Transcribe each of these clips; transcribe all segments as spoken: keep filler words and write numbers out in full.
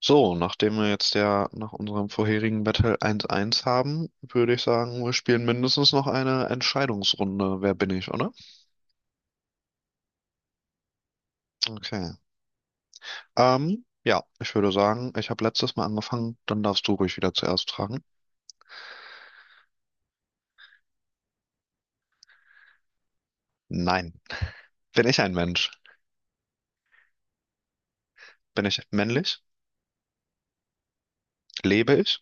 So, nachdem wir jetzt ja nach unserem vorherigen Battle eins eins haben, würde ich sagen, wir spielen mindestens noch eine Entscheidungsrunde. Wer bin ich, oder? Okay. Ähm, ja, ich würde sagen, ich habe letztes Mal angefangen, dann darfst du ruhig wieder zuerst fragen. Nein. Bin ich ein Mensch? Bin ich männlich? Lebe ich?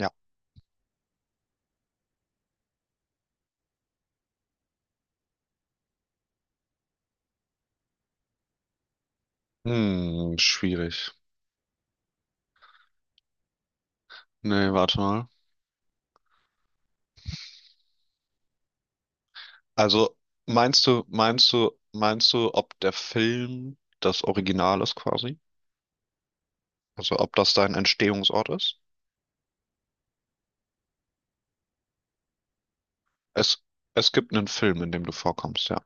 Ja. Hm, schwierig. Nee, warte mal. Also, meinst du, meinst du, meinst du, ob der Film das Original ist quasi? Also, ob das dein Entstehungsort ist? Es, es gibt einen Film, in dem du vorkommst, ja.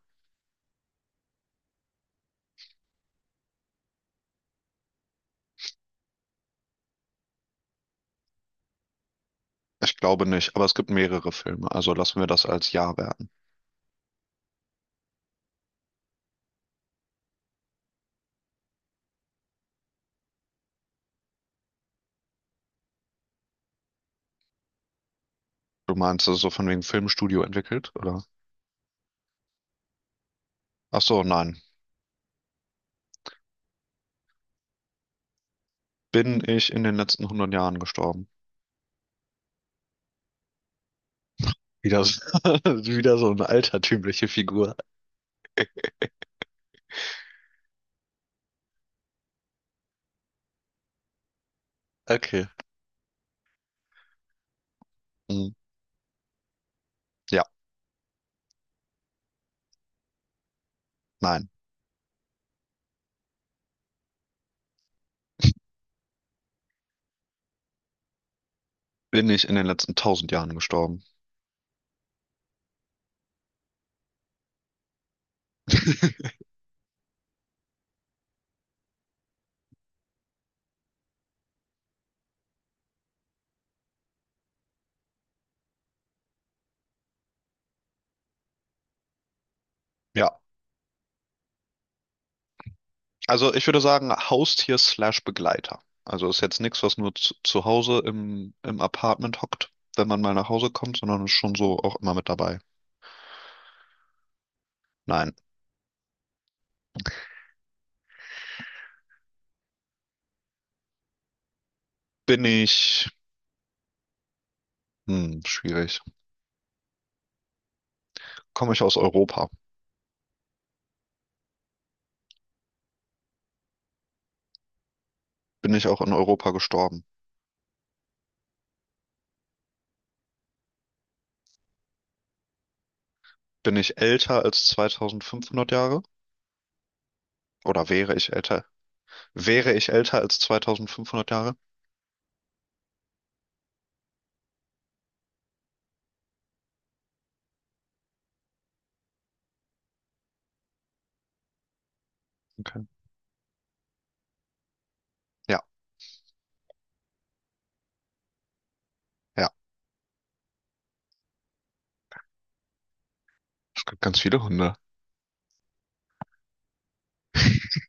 Ich glaube nicht, aber es gibt mehrere Filme, also lassen wir das als Ja werten. Du meinst, es ist so von wegen Filmstudio entwickelt, oder? Ach so, nein. Bin ich in den letzten hundert Jahren gestorben? Wieder, so- wieder so eine altertümliche Figur. Okay. Hm, ja, nein. Bin ich in den letzten tausend Jahren gestorben? Ja. Also ich würde sagen, Haustier slash Begleiter. Also ist jetzt nichts, was nur zu, zu Hause im, im Apartment hockt, wenn man mal nach Hause kommt, sondern ist schon so auch immer mit dabei. Nein. Bin ich, hm, schwierig. Komme ich aus Europa? Bin ich auch in Europa gestorben? Bin ich älter als zweitausendfünfhundert Jahre? Oder wäre ich älter? Wäre ich älter als zweitausendfünfhundert Jahre? Okay. Ja, ja. Es gibt ganz viele Hunde.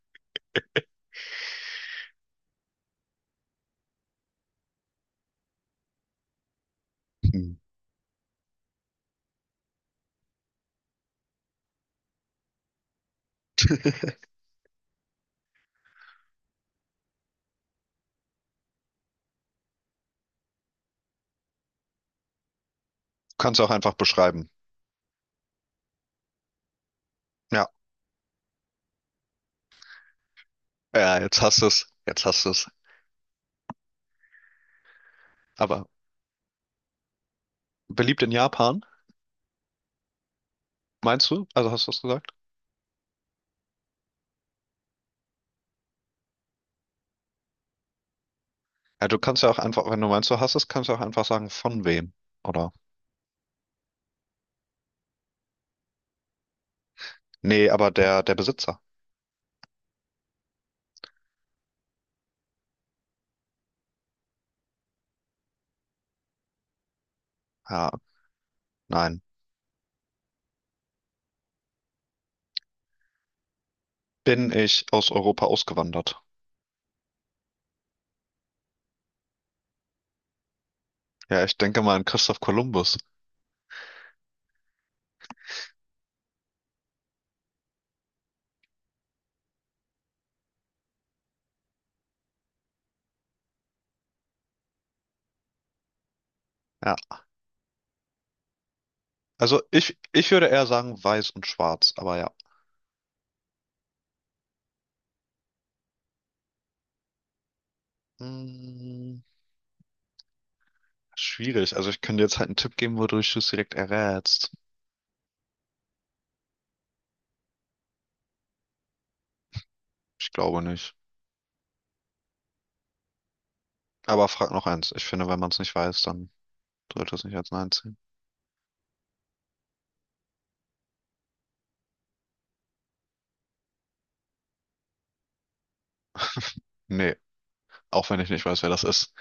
Hm. Du kannst auch einfach beschreiben. Ja, ja, jetzt hast du es. Jetzt hast du es. Aber beliebt in Japan, meinst du? Also hast du das gesagt? Ja, du kannst ja auch einfach, wenn du meinst, du hast es, kannst du auch einfach sagen, von wem, oder? Nee, aber der, der Besitzer. Ja, nein. Bin ich aus Europa ausgewandert? Ja, ich denke mal an Christoph Kolumbus. Ja, also ich, ich würde eher sagen weiß und schwarz, aber ja. Hm, schwierig. Also ich könnte jetzt halt einen Tipp geben, wodurch du es direkt errätst. Ich glaube nicht. Aber frag noch eins. Ich finde, wenn man es nicht weiß, dann sollte es nicht als Nein ziehen. Nee, auch wenn ich nicht weiß, wer das ist.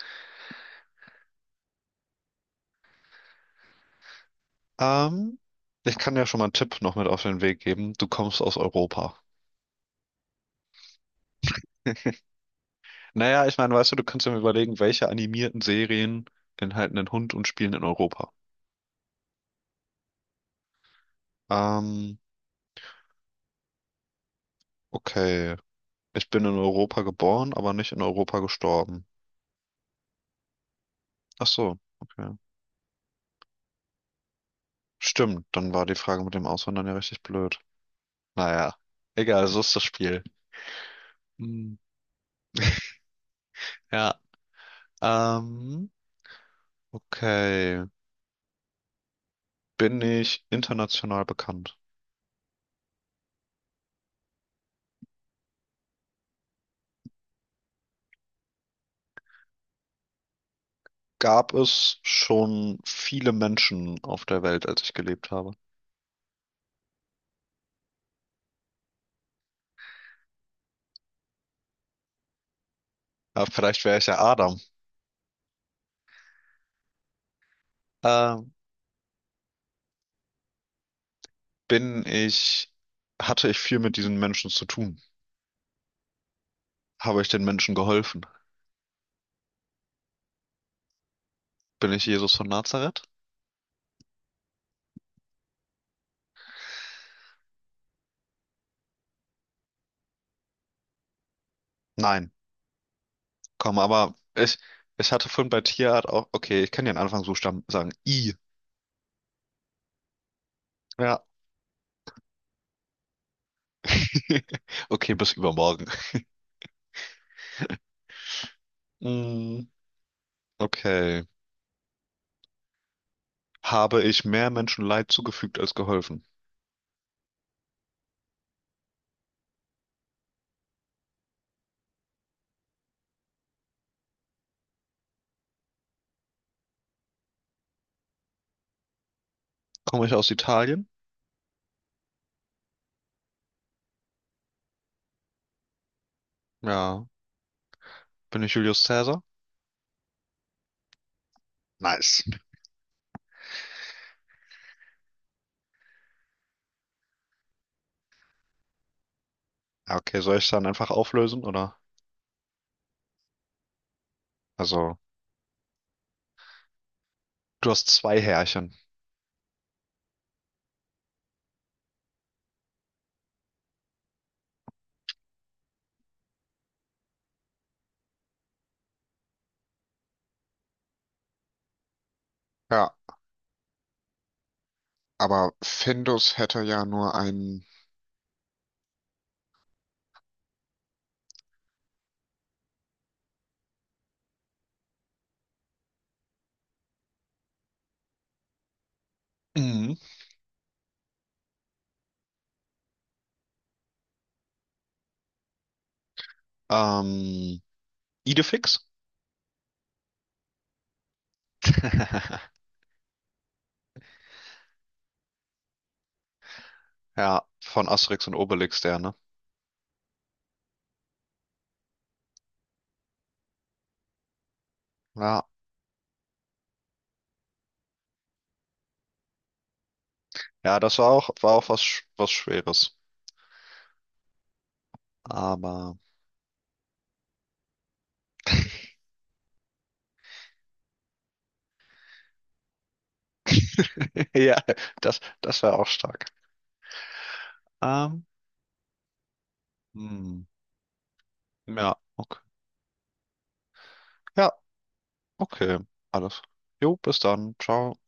Ähm, ich kann ja schon mal einen Tipp noch mit auf den Weg geben. Du kommst aus Europa. Naja, ich meine, weißt du, du kannst ja mal überlegen, welche animierten Serien enthalten einen Hund und spielen in Europa. Ähm, okay. Ich bin in Europa geboren, aber nicht in Europa gestorben. Ach so, okay. Stimmt, dann war die Frage mit dem Auswandern ja richtig blöd. Naja, egal, so ist das Spiel. Hm, ja, ähm, okay. Bin ich international bekannt? Gab es schon viele Menschen auf der Welt, als ich gelebt habe? Ja, vielleicht wäre ich ja Adam. Äh, bin ich, hatte ich viel mit diesen Menschen zu tun? Habe ich den Menschen geholfen? Bin ich Jesus von Nazareth? Nein. Komm, aber ich, ich hatte vorhin bei Tierart auch, okay, ich kann den Anfangsbuchstaben sagen. I. Ja. Okay, bis übermorgen. Mm, okay. Habe ich mehr Menschen Leid zugefügt als geholfen? Komme ich aus Italien? Ja. Bin ich Julius Caesar? Nice. Ja, okay, soll ich dann einfach auflösen, oder? Also, du hast zwei Härchen. Ja, aber Findus hätte ja nur einen. Mhm. Ähm, Idefix? Ja, von Asterix und Obelix, der, ne? Ja, ja, das war auch, war auch was, Sch- was Schweres. Aber, ja, das, das war auch stark. Ähm, hm, ja, okay. Ja, okay. Alles. Jo, bis dann. Ciao.